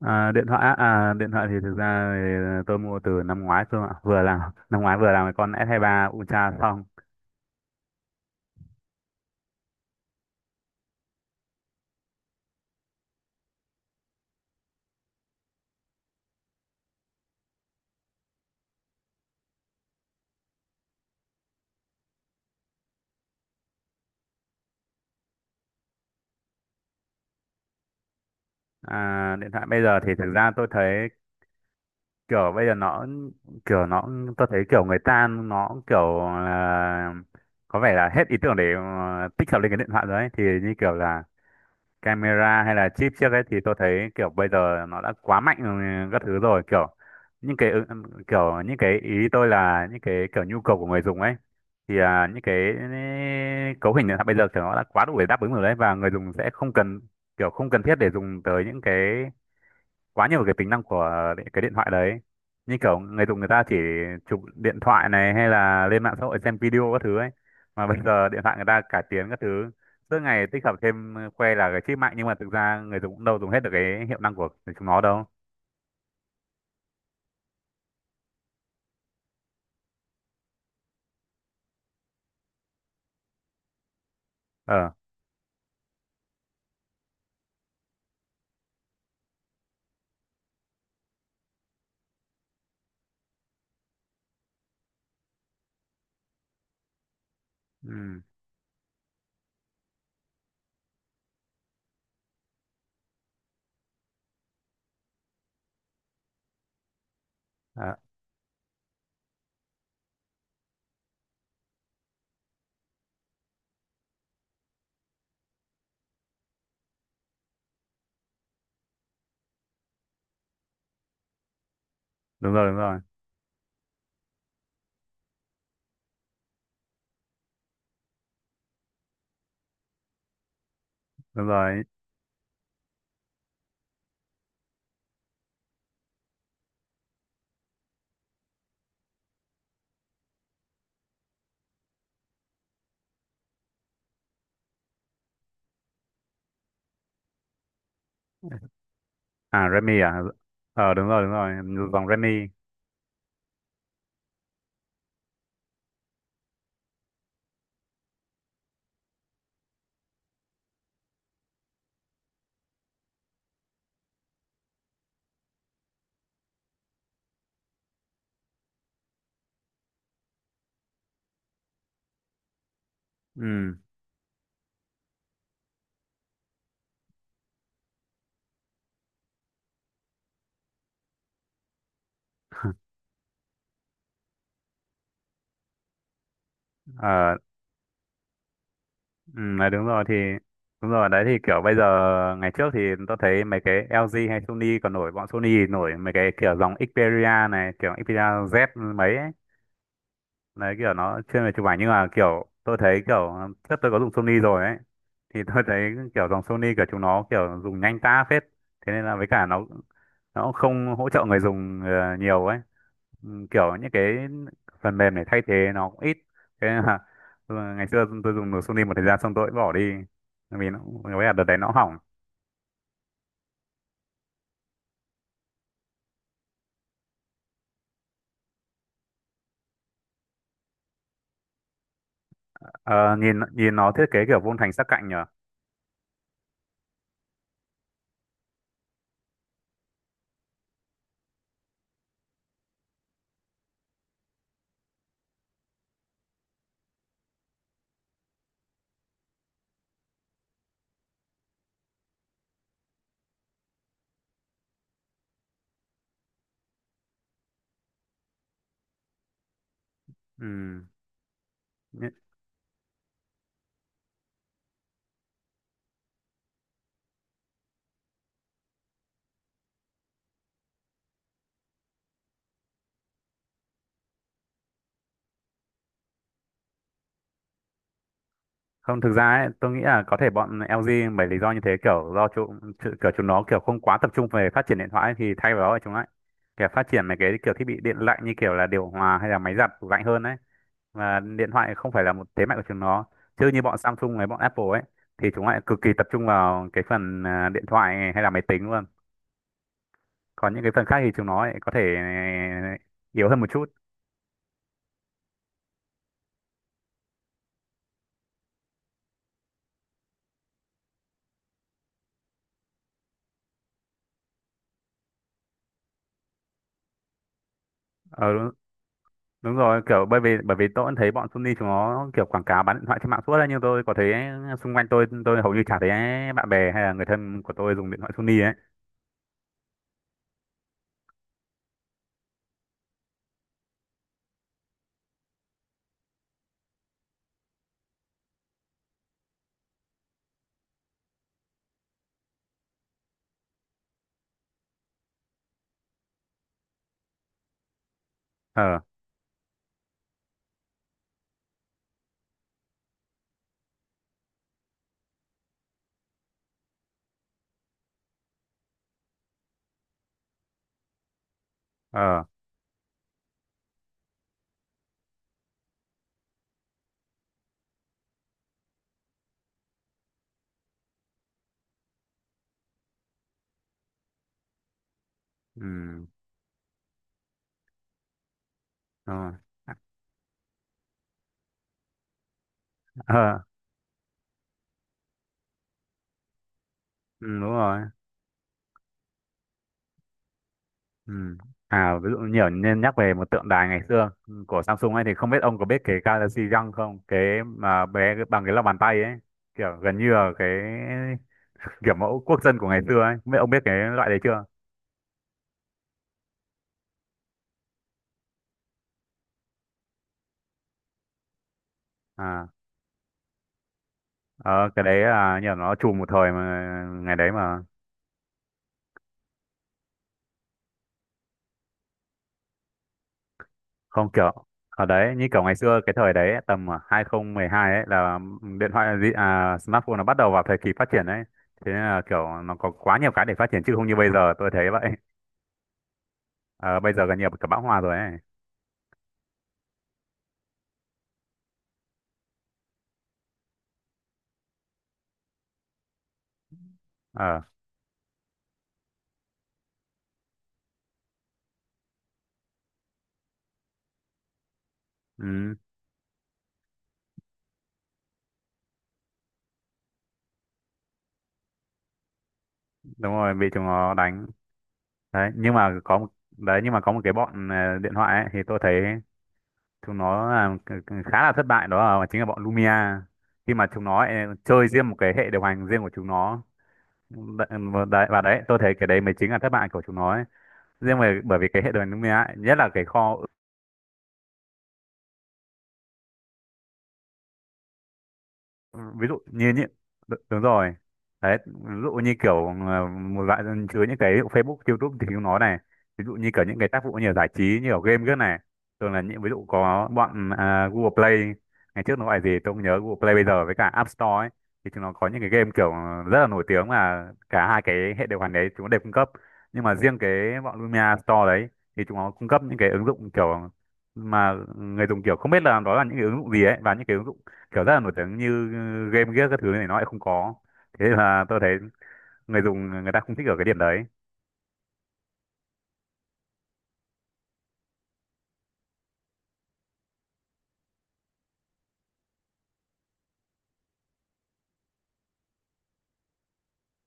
Điện thoại á, điện thoại thì thực ra tôi mua từ năm ngoái cơ ạ, vừa làm năm ngoái vừa làm cái con S23 Ultra xong. Điện thoại bây giờ thì thực ra tôi thấy kiểu bây giờ nó tôi thấy kiểu người ta nó kiểu là có vẻ là hết ý tưởng để tích hợp lên cái điện thoại rồi ấy. Thì như kiểu là camera hay là chip trước ấy thì tôi thấy kiểu bây giờ nó đã quá mạnh, ừ, các thứ rồi, kiểu những cái, ừ, kiểu những cái ý tôi là những cái kiểu nhu cầu của người dùng ấy, thì những cái cấu hình này bây giờ kiểu nó đã quá đủ để đáp ứng rồi đấy, và người dùng sẽ không cần kiểu không cần thiết để dùng tới những cái quá nhiều cái tính năng của cái điện thoại đấy, như kiểu người dùng người ta chỉ chụp điện thoại này hay là lên mạng xã hội xem video các thứ ấy, mà bây giờ điện thoại người ta cải tiến các thứ, suốt ngày tích hợp thêm, khoe là cái chip mạnh nhưng mà thực ra người dùng cũng đâu dùng hết được cái hiệu năng của chúng nó đâu. Ờ. Ừ. Ờ, đúng rồi, đúng rồi. Đúng rồi. À, Redmi à? Ờ, đúng rồi, đúng rồi, dòng Redmi. Ừ. Ờ. Ừ, mà đúng rồi thì đúng rồi đấy, thì kiểu bây giờ ngày trước thì tôi thấy mấy cái LG hay Sony còn nổi, bọn Sony thì nổi mấy cái kiểu dòng Xperia này, kiểu Xperia Z mấy ấy, đấy kiểu nó chuyên về chụp ảnh nhưng mà kiểu tôi thấy kiểu trước tôi có dùng Sony rồi ấy, thì tôi thấy kiểu dòng Sony kiểu chúng nó kiểu dùng nhanh ta phết, thế nên là với cả nó cũng không hỗ trợ người dùng, nhiều ấy. Ừ, kiểu những cái phần mềm để thay thế nó cũng ít, thế nên là ừ, ngày xưa tôi dùng được Sony một thời gian xong tôi cũng bỏ đi. Bởi vì nó với cả đợt đấy nó hỏng. Ờ, nhìn nhìn nó thiết kế kiểu vuông thành sắc cạnh nhở. Ừ. Không, thực ra ấy, tôi nghĩ là có thể bọn LG bởi lý do như thế, kiểu do kiểu chúng nó kiểu không quá tập trung về phát triển điện thoại ấy, thì thay vào đó là chúng lại kiểu phát triển mấy cái kiểu thiết bị điện lạnh như kiểu là điều hòa hay là máy giặt tủ lạnh hơn đấy. Và điện thoại không phải là một thế mạnh của chúng nó. Chứ như bọn Samsung với bọn Apple ấy thì chúng lại cực kỳ tập trung vào cái phần điện thoại hay là máy tính luôn. Còn những cái phần khác thì chúng nó lại có thể, yếu hơn một chút. Ờ, đúng rồi, kiểu bởi vì tôi cũng thấy bọn Sony chúng nó kiểu quảng cáo bán điện thoại trên mạng suốt đấy nhưng tôi có thấy xung quanh tôi hầu như chả thấy bạn bè hay là người thân của tôi dùng điện thoại Sony ấy. Ờ. Ờ. Ừ. Ờ. Ờ, ừ, đúng rồi. Ừ. À, ví dụ nhiều nên nhắc về một tượng đài ngày xưa của Samsung ấy, thì không biết ông có biết cái Galaxy Young không, cái mà bé bằng cái lòng bàn tay ấy, kiểu gần như là cái kiểu mẫu quốc dân của ngày xưa ấy, không biết ông biết cái loại đấy chưa? À. Ờ, cái đấy là nhờ nó trùm một thời mà, ngày đấy mà. Không kiểu ở đấy như kiểu ngày xưa cái thời đấy ấy, tầm 2012 ấy, là điện thoại gì, smartphone nó bắt đầu vào thời kỳ phát triển đấy, thế nên là kiểu nó có quá nhiều cái để phát triển chứ không như bây giờ tôi thấy vậy. Ờ, bây giờ gần như là cả bão hòa rồi ấy. Ờ. Ừ, đúng rồi, bị chúng nó đánh đấy. Nhưng mà có một đấy, nhưng mà có một cái bọn, điện thoại ấy, thì tôi thấy chúng nó là khá là thất bại, đó là chính là bọn Lumia, khi mà chúng nó chơi riêng một cái hệ điều hành riêng của chúng nó. Ừ, và đấy tôi thấy cái đấy mới chính là thất bại của chúng nó ấy. Riêng về bởi vì cái hệ điều hành Lumia ấy, nhất là cái kho. Ừ, ví dụ như những, đúng rồi. Đấy, ví dụ như kiểu, một loại dân chứa những cái Facebook, YouTube thì chúng nó này, ví dụ như kiểu những cái tác vụ như là giải trí như ở game cái này, thường là những ví dụ có bọn, Google Play, ngày trước nó gọi gì tôi không nhớ, Google Play bây giờ với cả App Store ấy, thì chúng nó có những cái game kiểu rất là nổi tiếng mà cả hai cái hệ điều hành đấy chúng nó đều cung cấp, nhưng mà riêng cái bọn Lumia Store đấy thì chúng nó cung cấp những cái ứng dụng kiểu mà người dùng kiểu không biết là đó là những cái ứng dụng gì ấy, và những cái ứng dụng kiểu rất là nổi tiếng như game gear các thứ này nó lại không có, thế là tôi thấy người dùng người ta không thích ở cái điểm đấy.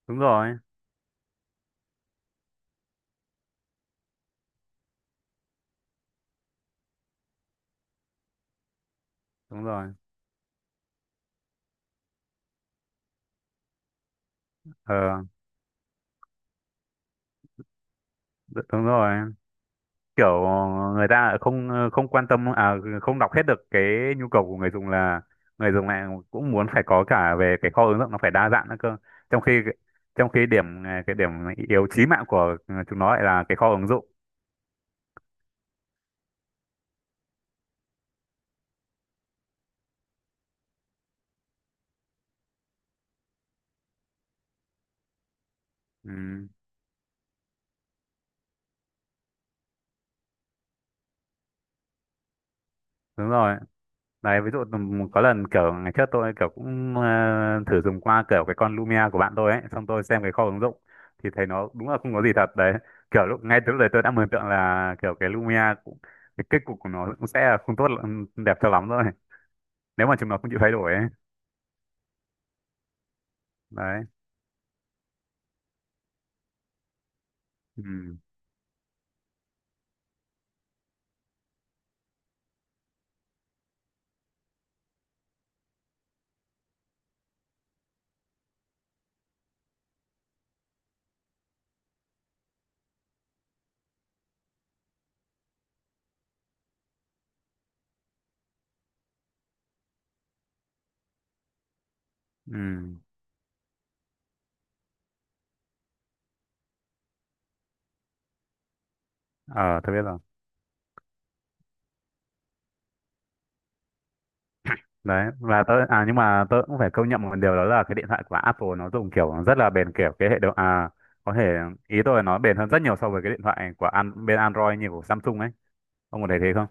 Đúng rồi, đúng rồi. Ờ. Đúng rồi, kiểu người ta không không quan tâm, không đọc hết được cái nhu cầu của người dùng là người dùng này cũng muốn phải có cả về cái kho ứng dụng nó phải đa dạng nữa cơ, trong khi trong khi điểm, cái điểm yếu chí mạng của, ừ, chúng nó lại là cái kho ứng dụng. Ừ, đúng rồi. Đấy, ví dụ có lần kiểu ngày trước tôi kiểu cũng, thử dùng qua kiểu cái con Lumia của bạn tôi ấy, xong tôi xem cái kho ứng dụng thì thấy nó đúng là không có gì thật đấy. Kiểu lúc ngay từ lúc đấy tôi đã mường tượng là kiểu cái Lumia cũng cái kết cục của nó cũng sẽ là không tốt đẹp cho lắm rồi. Nếu mà chúng nó không chịu thay đổi ấy. Đấy. Ừ. Ừ. Ờ, tôi biết rồi. Đấy, và tớ, nhưng mà tớ cũng phải công nhận một điều, đó là cái điện thoại của Apple nó dùng kiểu rất là bền, kiểu cái hệ điều, có thể ý tôi là nó bền hơn rất nhiều so với cái điện thoại của bên Android như của Samsung ấy, ông có thấy thế không?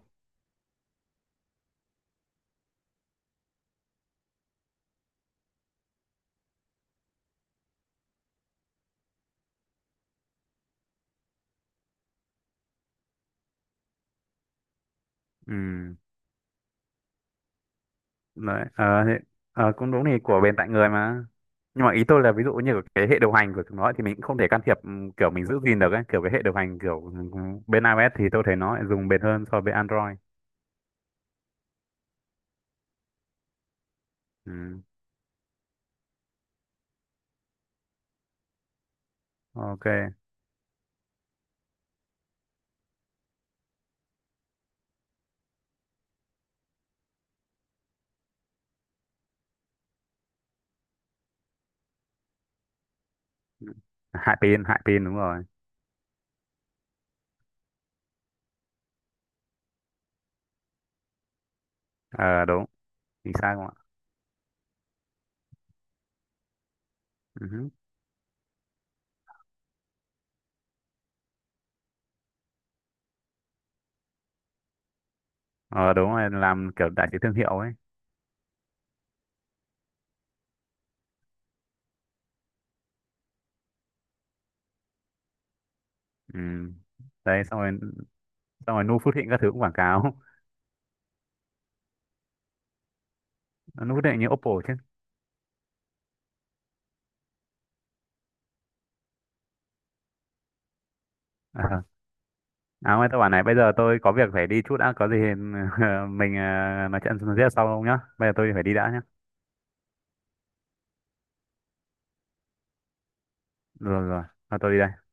Ừ. Đấy, cũng đúng thì của bên tại người mà, nhưng mà ý tôi là ví dụ như cái hệ điều hành của chúng nó thì mình cũng không thể can thiệp, ừ, kiểu mình giữ gìn được ấy, kiểu cái hệ điều hành kiểu, ừ, bên iOS thì tôi thấy nó lại dùng bền hơn so với Android. Ừ. OK. Hại pin, hại pin, đúng rồi. Ờ, đúng, chính xác không ạ. Ừ. Ờ, đúng rồi, làm kiểu đại sứ thương hiệu ấy. Ừ. Đấy, xong rồi, xong rồi Nu Phước Thịnh các thứ cũng quảng cáo. Nu Phước Thịnh như Oppo chứ. Ờ. À mà tôi bảo này, bây giờ tôi có việc phải đi chút đã có gì mình, nói chuyện tiếp sau nhá, bây giờ tôi phải đi đã nhá. Rồi, rồi. Thôi tôi đi đây.